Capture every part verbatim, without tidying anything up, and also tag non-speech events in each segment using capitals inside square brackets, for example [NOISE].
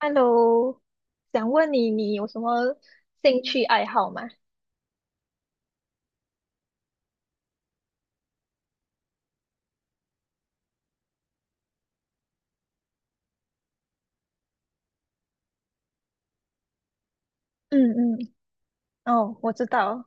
Hello，想问你，你有什么兴趣爱好吗？嗯嗯，哦，我知道，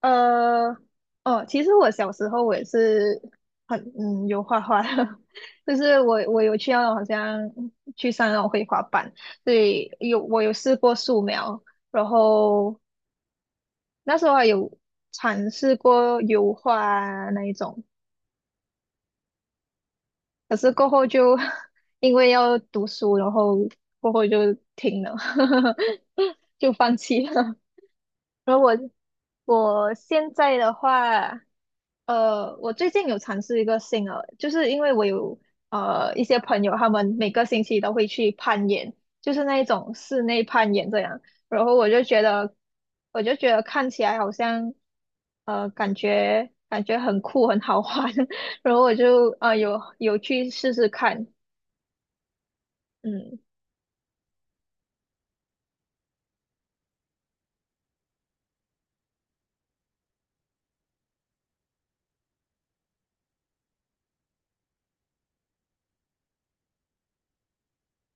呃，哦，其实我小时候我也是很嗯有画画的，[LAUGHS] 就是我我有去那种好像去上那种绘画班，所以有我有试过素描，然后那时候还有尝试过油画啊那一种，可是过后就 [LAUGHS] 因为要读书，然后过后就停了，[LAUGHS] 就放弃了。然后我我现在的话，呃，我最近有尝试一个新的，就是因为我有呃一些朋友，他们每个星期都会去攀岩，就是那一种室内攀岩这样。然后我就觉得，我就觉得看起来好像，呃，感觉感觉很酷，很好玩。[LAUGHS] 然后我就呃有有去试试看，嗯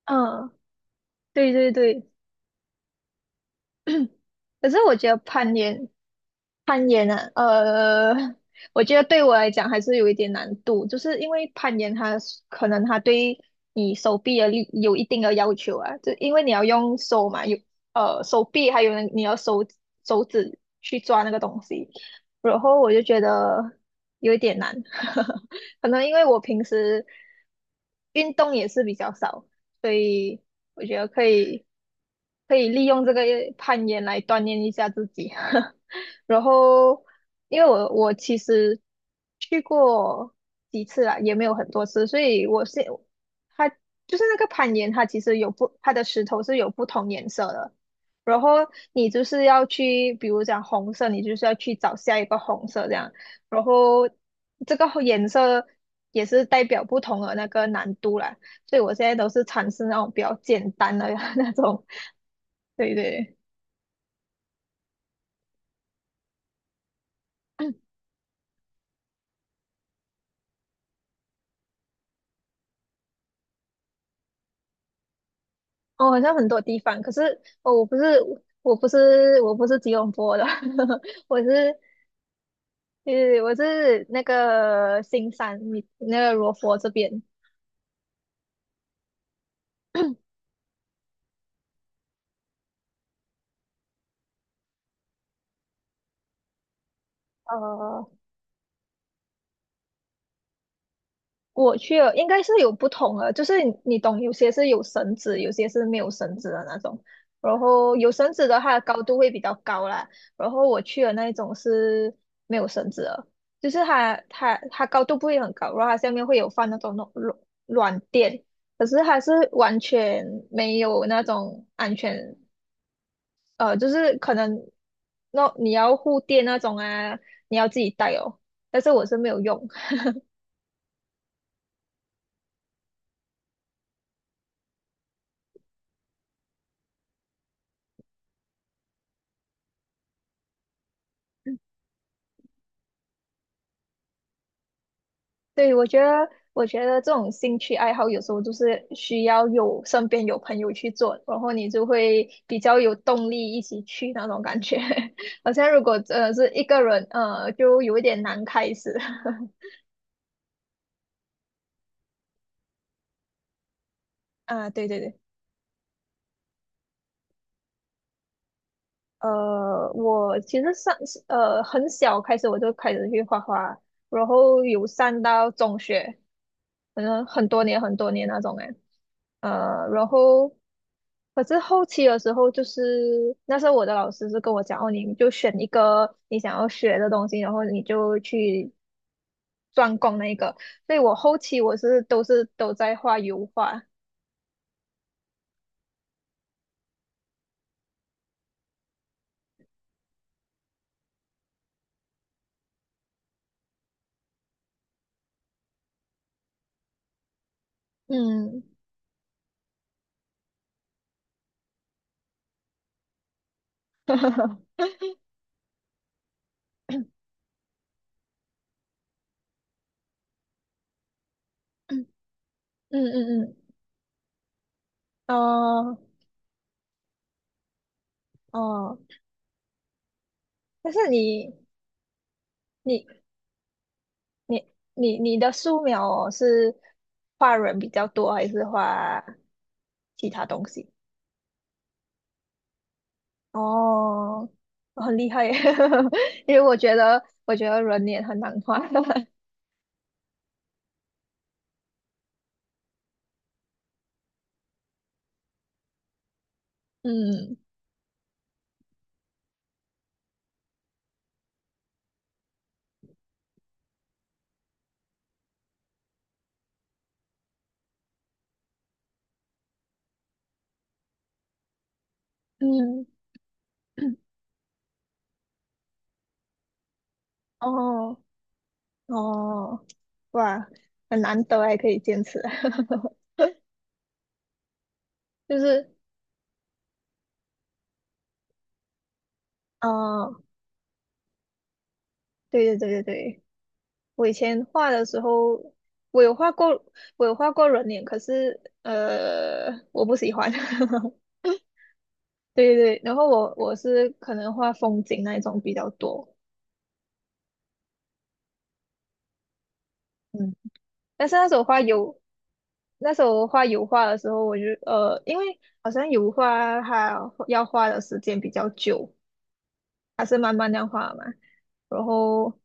嗯，对对对。可是我觉得攀岩，攀岩啊，呃，[LAUGHS] 我觉得对我来讲还是有一点难度，就是因为攀岩它是可能它对你手臂的力有一定的要求啊，就因为你要用手嘛，有呃手臂，还有你要手手指去抓那个东西，然后我就觉得有一点难，[LAUGHS] 可能因为我平时运动也是比较少。所以我觉得可以可以利用这个攀岩来锻炼一下自己。[LAUGHS] 然后，因为我我其实去过几次啦，也没有很多次，所以我是它就是那个攀岩，它其实有不它的石头是有不同颜色的。然后你就是要去，比如讲红色，你就是要去找下一个红色这样。然后这个颜色也是代表不同的那个难度啦。所以我现在都是尝试那种比较简单的 [LAUGHS] 那种，对对，哦，好像很多地方，可是哦，我不是我不是我不是吉隆坡的，[LAUGHS] 我是呃我是那个新山，你那个罗佛这边，呃，我去了，应该是有不同的，就是你你懂，有些是有绳子，有些是没有绳子的那种。然后有绳子的，它的高度会比较高啦。然后我去的那一种是没有绳子的，就是它它它高度不会很高，然后它下面会有放那种软软软垫，可是还是完全没有那种安全，呃，就是可能那你要护垫那种啊，你要自己带哦。但是我是没有用，对，我觉得，我觉得这种兴趣爱好有时候就是需要有身边有朋友去做，然后你就会比较有动力一起去那种感觉。[LAUGHS] 好像如果呃是一个人，呃就有一点难开始。[LAUGHS] 啊，对对对，呃，我其实上呃很小开始我就开始去画画，然后有上到中学，可能很多年很多年那种哎。呃，然后可是后期的时候，就是那时候我的老师是跟我讲，哦，你就选一个你想要学的东西，然后你就去专攻那个。所以我后期我是都是都在画油画，嗯，[LAUGHS] 嗯嗯嗯，哦哦，但是你你你你你的素描哦，是画人比较多，还是画其他东西？哦，很厉害耶，[LAUGHS] 因为我觉得，我觉得人脸很难画。[LAUGHS] 嗯嗯，哦哦，哇，很难得还可以坚持。[LAUGHS] 就是，呃，对对对对对，我以前画的时候，我有画过，我有画过人脸，可是，呃，我不喜欢。[LAUGHS] 对对对，然后我我是可能画风景那一种比较多，嗯，但是那时候画有。那时候画油画的时候，我就呃，因为好像油画它要画的时间比较久，它是慢慢那样画嘛。然后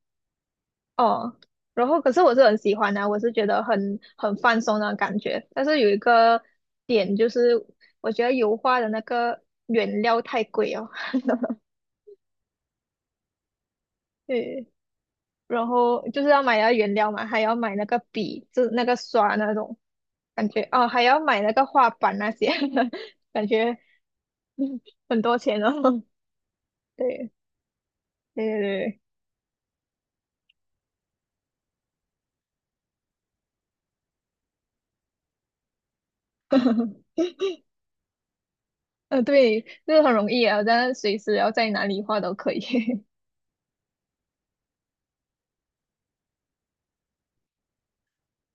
哦，然后可是我是很喜欢的，我是觉得很很放松的感觉。但是有一个点就是，我觉得油画的那个原料太贵哦，对，然后就是要买那个原料嘛，还要买那个笔，就是那个刷那种感觉哦，还要买那个画板那些，[LAUGHS] 感觉嗯很多钱哦。对对对对，呃，对，这个很容易啊，但是随时要在哪里画都可以。[LAUGHS]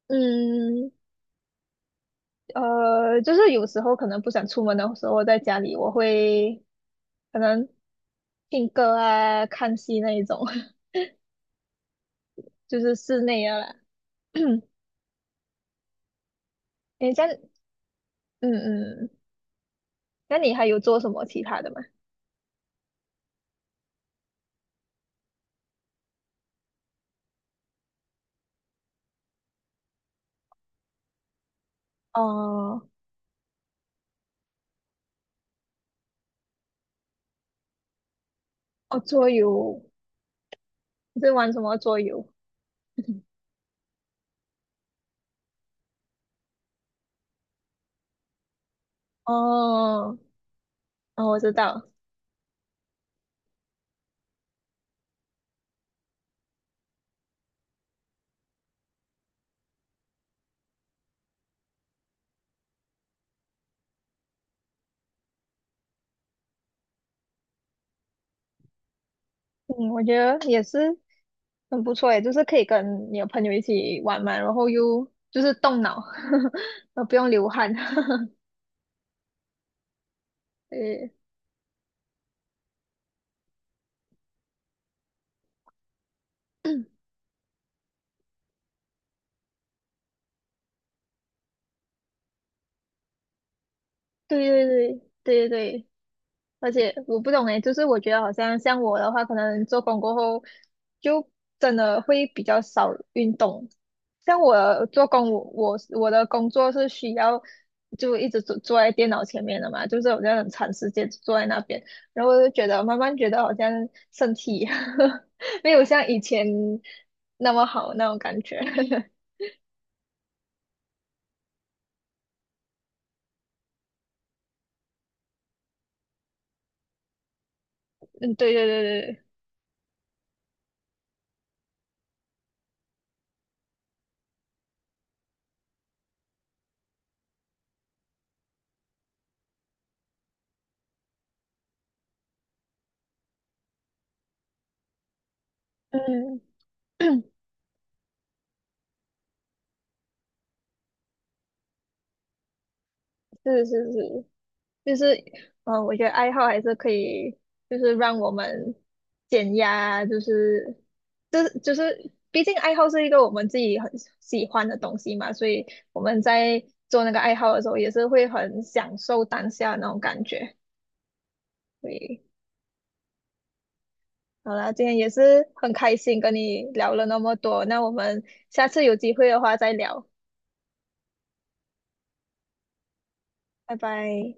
嗯，呃，就是有时候可能不想出门的时候，在家里我会可能听歌啊、看戏那一种，[LAUGHS] 就是室内啊啦。[COUGHS] [CLEARS THROAT] 诶，这样嗯嗯，那你还有做什么其他的吗？哦哦，桌游，你在玩什么桌游？[LAUGHS] 哦哦，我知道，嗯，我觉得也是，很不错诶，就是可以跟你的朋友一起玩嘛，然后又就是动脑，[LAUGHS] 呃，不用流汗，[LAUGHS] 对对对对对对对，而且我不懂诶，就是我觉得好像像我的话，可能做工过后就真的会比较少运动。像我做工，我我我的工作是需要就一直坐坐在电脑前面的嘛，就是好像很长时间坐在那边，然后我就觉得慢慢觉得好像身体 [LAUGHS] 没有像以前那么好那种感觉。[LAUGHS] 嗯，对对对对对，嗯，是是是，就是，嗯呃，我觉得爱好还是可以，就是让我们减压啊就是就是就是，毕竟爱好是一个我们自己很喜欢的东西嘛，所以我们在做那个爱好的时候，也是会很享受当下那种感觉。所以，好啦，今天也是很开心跟你聊了那么多，那我们下次有机会的话再聊，拜拜。